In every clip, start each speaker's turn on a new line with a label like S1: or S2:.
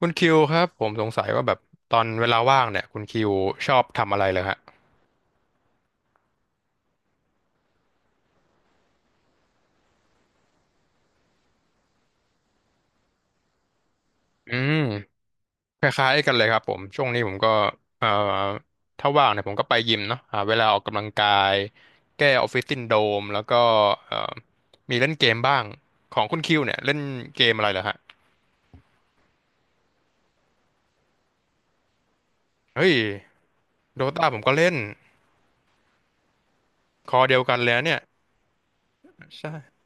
S1: คุณคิวครับผมสงสัยว่าแบบตอนเวลาว่างเนี่ยคุณคิวชอบทำอะไรเลยฮะอืมคล้ายๆกันเลยครับผมช่วงนี้ผมก็เอ่อถ้าว่างเนี่ยผมก็ไปยิมเนาะหาเวลาออกกำลังกายแก้ออฟฟิศซินโดรมแล้วก็เอ่อมีเล่นเกมบ้างของคุณคิวเนี่ยเล่นเกมอะไรเหรอฮะเฮ้ยโดตาผมก็เล่นคอเดียวกันเลยนะเนี่ยใช่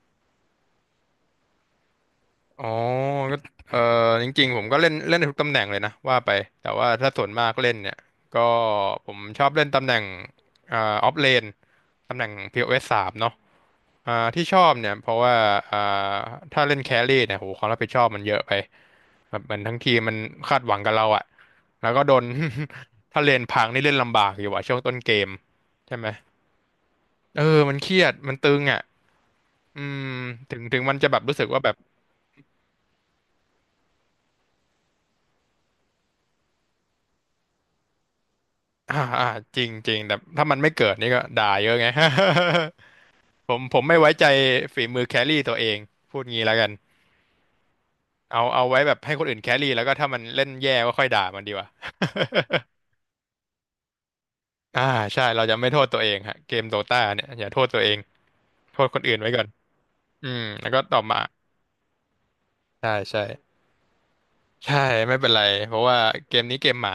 S1: อ๋อก็เออจริงๆผมก็เล่นเล่นได้ทุกตำแหน่งเลยนะว่าไป แต่ว่าถ้าส่วนมากเล่นเนี่ย ก็ผมชอบเล่นตำแหน่งอ่าออฟเลนตำแหน่ง POS สสามเนาะที่ชอบเนี่ยเพราะว่าอ่าถ้าเล่นแครี่เนี่ยโหความรับผิดชอบมันเยอะไปแบบเหมันทั้งทีมมันคาดหวังกับเราอะแล้วก็โดน ถ้าเลนพังนี่เล่นลำบากอยู่อะช่วงต้นเกมใช่ไหมเออมันเครียดมันตึงอะอืมถึงมันจะแบบรู้สึกว่าแบบ อ่าอ่าจริงจริงแต่ถ้ามันไม่เกิดนี่ก็ด่าเยอะไง ผมไม่ไว้ใจฝีมือแครี่ตัวเองพูดงี้แล้วกันเอาไว้แบบให้คนอื่นแครี่แล้วก็ถ้ามันเล่นแย่ก็ค่อยด่ามันดีกว่า อ่าใช่เราจะไม่โทษตัวเองฮะเกมโดตาเนี่ยอย่าโทษตัวเองโทษคนอื่นไว้ก่อนอืมแล้วก็ต่อมาใช่ใช่ใช่ไม่เป็นไรเพราะว่าเกมนี้เกมหมา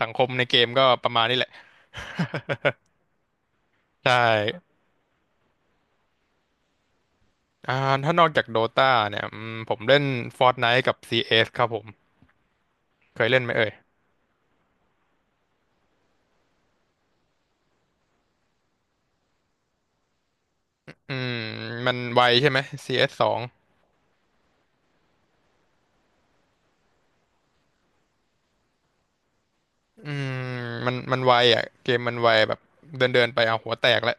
S1: สังคมในเกมก็ประมาณนี้แหละ ใช่อ่าถ้านอกจากโดตาเนี่ยอืมผมเล่น Fortnite กับ CS ครับผม เคยเล่นไหมเอ่ยอืมมันไวใช่ไหม CS สสองอืมมันไวอ่ะเกมมันไวแบบเดินเดินไปเอาหัวแตกแล้ว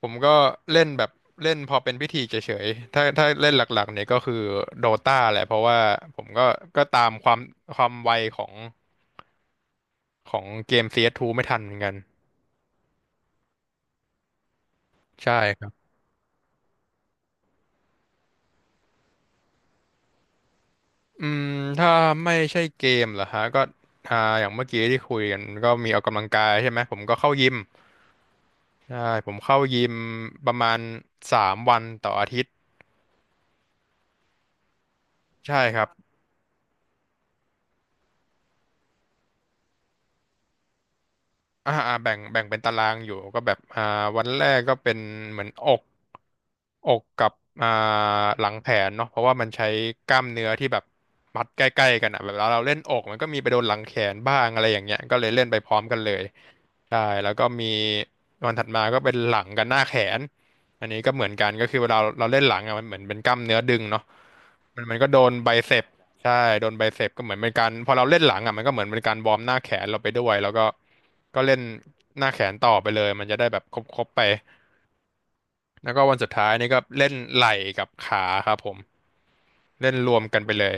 S1: ผมก็เล่นแบบเล่นพอเป็นพิธีเฉยๆถ้าเล่นหลักๆเนี่ยก็คือโดตาแหละเพราะว่าผมก็ก็ตามความไวของเกม CS2 ไม่ทันเหมือนกัน ใช่ครับอืมถ้าไม่ใช่เกมเหรอฮะก็อ่าอย่างเมื่อกี้ที่คุยกันก็มีออกกำลังกายใช่ไหมผมก็เข้ายิม ใช่ผมเข้ายิมประมาณสามวันต่ออาทิตย์ใช่ครับอ่าอ่าแบ่งเป็นตารางอยู่ก็แบบอ่าวันแรกก็เป็นเหมือนอกอกกับอ่าหลังแขนเนาะเพราะว่ามันใช้กล้ามเนื้อที่แบบมัดใกล้ๆกันอ่ะแบบเราเล่นอกมันก็มีไปโดนหลังแขนบ้างอะไรอย่างเงี้ยก็เลยเล่นไปพร้อมกันเลยใช่แล้วก็มีวันถัดมาก็เป็นหลังกับหน้าแขนอันนี้ก็เหมือนกันก็คือเวลาเราเล่นหลังอ่ะมันเหมือนเป็นกล้ามเนื้อดึงเนาะมันก็โดนไบเซป ใช่โดนไบเซปก็เหมือนเป็นการพอเราเล่นหลังอ่ะมันก็เหมือนเป็นการวอร์มหน้าแขนเราไปด้วยแล้วก็ก็เล่นหน้าแขนต่อไปเลยมันจะได้แบบครบๆไปแล้วก็วันสุดท้ายนี่ก็เล่นไหล่กับขาครับผมเล่นรวมกันไปเลย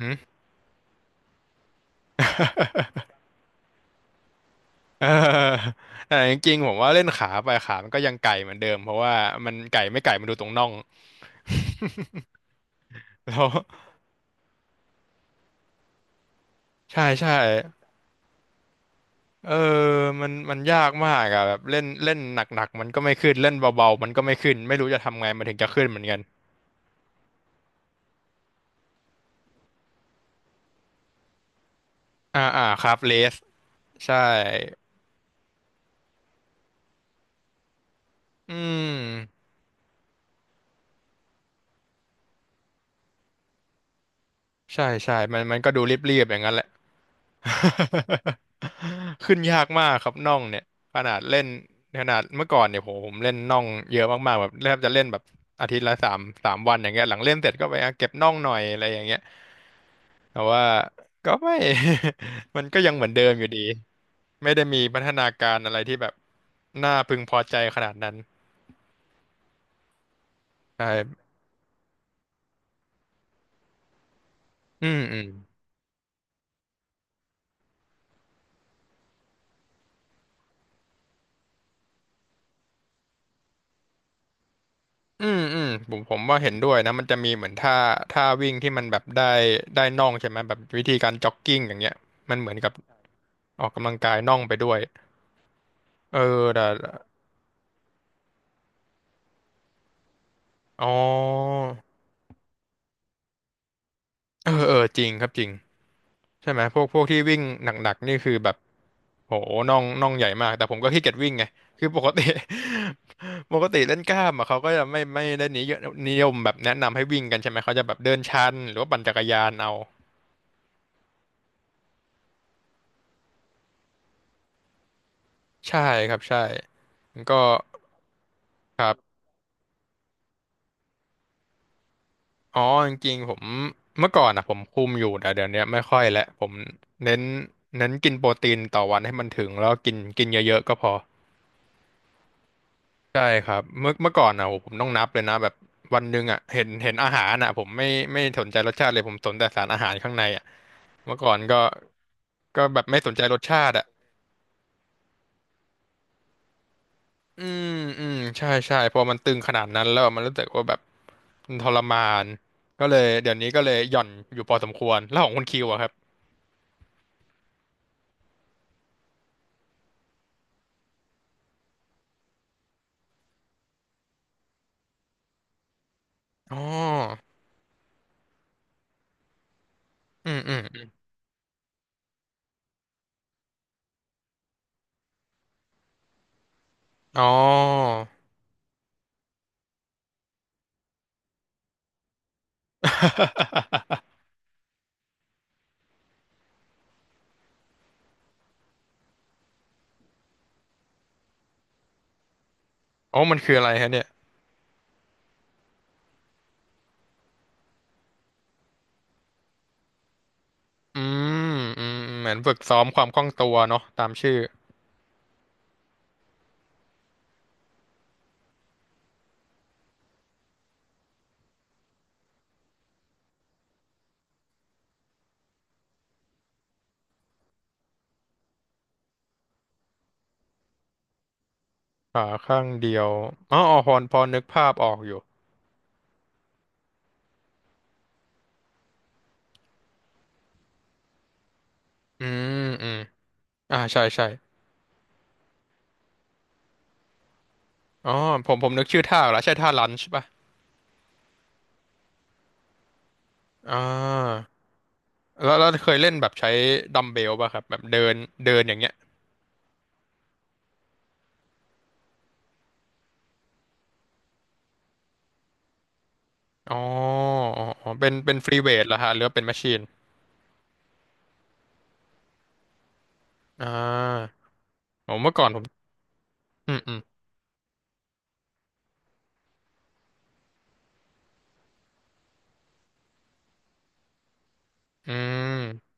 S1: หึ เออ แต่จริงๆผมว่าเล่นขาไปขามันก็ยังไก่เหมือนเดิมเพราะว่ามันไก่ไม่ไก่มันดูตรงน่อง แล้วใช่ใช่ เออมันมันยากมากอะแบบเล่นเล่นหนักๆมันก็ไม่ขึ้นเล่นเบาๆมันก็ไม่ขึ้นไม่รู้จะทำไงมันถึงจะขึ้นเหมือนกันอ่าอ่าครับเลสใช่อืมใช่ใช่มันก็ดูเรียบๆอย่างนั้นแหละ ขึ้นยากมากครับน่องเนี่ยขนาดเล่นขนาดเมื่อก่อนเนี่ยผมเล่นน่องเยอะมากๆแบบแทบจะเล่นแบบอาทิตย์ละสามวันอย่างเงี้ยหลังเล่นเสร็จก็ไปอ่ะเก็บน่องหน่อยอะไรอย่างเงี้ยแต่ว่าก็ไม่ มันก็ยังเหมือนเดิมอยู่ดี ไม่ได้มีพัฒนาการอะไรที่แบบน่าพึงพอใจขนาดนั้นใช่อืม อืม อืมอืมผมว่าเห็นด้วยนะมันจะมีเหมือนท่าวิ่งที่มันแบบได้น่องใช่ไหมแบบวิธีการจ็อกกิ้งอย่างเงี้ย มันเหมือนกับออกกำลังกายน่องไปด้วย เออแต่อ๋อเออจริงครับจริง ใช่ไหมพวกที่วิ่งหนักๆนี่คือแบบโหน่องใหญ่มากแต่ผมก็ขี้เกียจวิ่งไงคือปกติ ปกติเล่นกล้ามอะเขาก็จะไม่ได้นิยมแบบแนะนำให้วิ่งกันใช่ไหมเขาจะแบบเดินชันหรือว่าปั่นจักรยานเอาใช่ครับใช่ก็ครับอ๋อจริงๆผมเมื่อก่อนอ่ะผมคุมอยู่แต่เดี๋ยวนี้ไม่ค่อยแล้วผมเน้นเน้นกินโปรตีนต่อวันให้มันถึงแล้วกินกินเยอะๆก็พอ ใช่ครับเมื่อก่อนนะโหผมต้องนับเลยนะแบบวันหนึ่งอ่ะเห็นอาหารอ่ะผมไม่สนใจรสชาติเลยผมสนแต่สารอาหารข้างในอ่ะเมื่อก่อนก็แบบไม่สนใจรสชาติอ่ะอืมอืมใช่ใช่พอมันตึงขนาดนั้นแล้วมันรู้สึกว่าแบบมันทรมานก็เลยเดี๋ยวนี้ก็เลยหย่อนอยู่พอสมควรแล้วของคุณคิวอะครับอ๋ออืมอืมอมอ๋ออ๋อมันคืออะไรฮะเนี่ยอืมอืมเหมือนฝึกซ้อมความคล่องตัวเนาะตามชื่อ ขาข้างเดียวอ๋ออ๋อพอนึกภาพออกอยู่อืมอืมอ่าใช่ใช่อ๋อผมนึกชื่อท่าออกแล้วใช่ท่าลันช์ป่ะอ่าแล้วเคยเล่นแบบใช้ดัมเบลป่ะครับแบบเดินเดินอย่างเงี้ยอ๋ออ๋ออ๋อ เป็นฟรีเวทเหรอฮะหรือว่าเป็นแมชชีนอ่าผมเมื่อก่อนผมอืมอืมอืม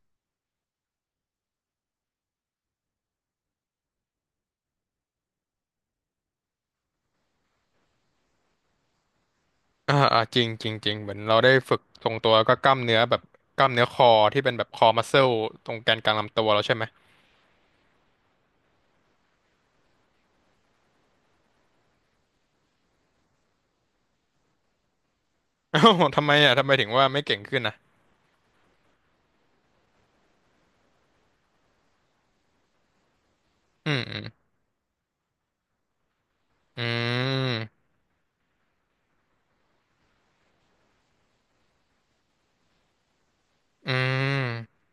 S1: อ่าจริงจริงจริงเหมือนเราได้ฝึกทรงตัวแล้วก็กล้ามเนื้อแบบกล้ามเนื้อคอที่เป็นแบบคอมัสเซลตรงแกนกลางลำตัวเราใช่ไหม อ้าวทำไมถึงว่าไม่เก่งขึ้นนะอืมอืม อืม อืม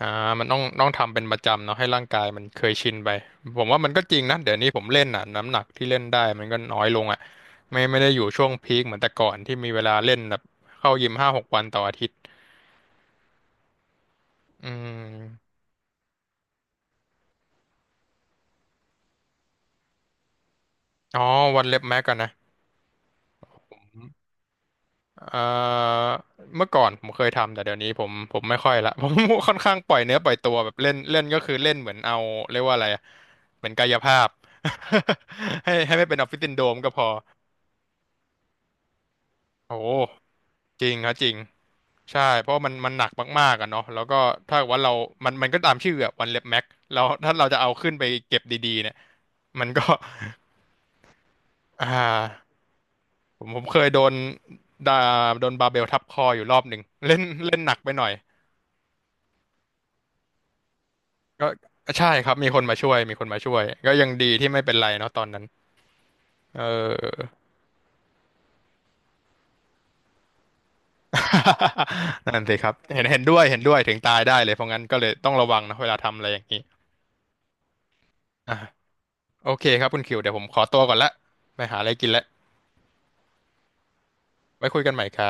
S1: อ่ามันต้องทำเป็นประจำเนาะให้ร่างกายมันเคยชินไปผมว่ามันก็จริงนะเดี๋ยวนี้ผมเล่นอ่ะน้ำหนักที่เล่นได้มันก็น้อยลงอ่ะไม่ได้อยู่ช่วงพีคเหมือนแต่ก่อนที่มีเวลาเล่นแบบเข้ายิมห้าหกวันต่ออาทิตย์อืมอ๋อวันเล็บแม็กกันนะเอ่อเมื่อก่อนผมเคยทำแต่เดี๋ยวนี้ผม ผมไม่ค่อยละ ผมค่อนข้างปล่อยเนื้อปล่อยตัวแบบเล่นเล่นก็คือเล่นเหมือนเอาเรียกว่าอะไรอะเหมือนกายภาพ ให้ไม่เป็นออฟฟิศซินโดรมก็พอ โอ้จริงฮะจริงใช่เพราะมันมันหนักมากๆอะเนาะแล้วก็ถ้าเกิดว่าเรามันมันก็ตามชื่ออะวันเล็บแม็กแล้วถ้าเราจะเอาขึ้นไปเก็บดีๆเนี่ยมันก็ อ่าผมเคยโดนดาโดนบาร์เบลทับคออยู่รอบหนึ่งเล่นเล่นหนักไปหน่อยก็ใช่ครับมีคนมาช่วยมีคนมาช่วยก็ยังดีที่ไม่เป็นไรเนาะตอนนั้นเออ นั่นสิครับเห็นด้วยเห็นด้วยถึงตายได้เลยเพราะงั้นก็เลยต้องระวังนะเวลาทำอะไรอย่างนี้อ่ะ โอเคครับคุณคิวเดี๋ยวผมขอตัวก่อนละไปหาอะไรกินละไว้คุยกันใหม่ครั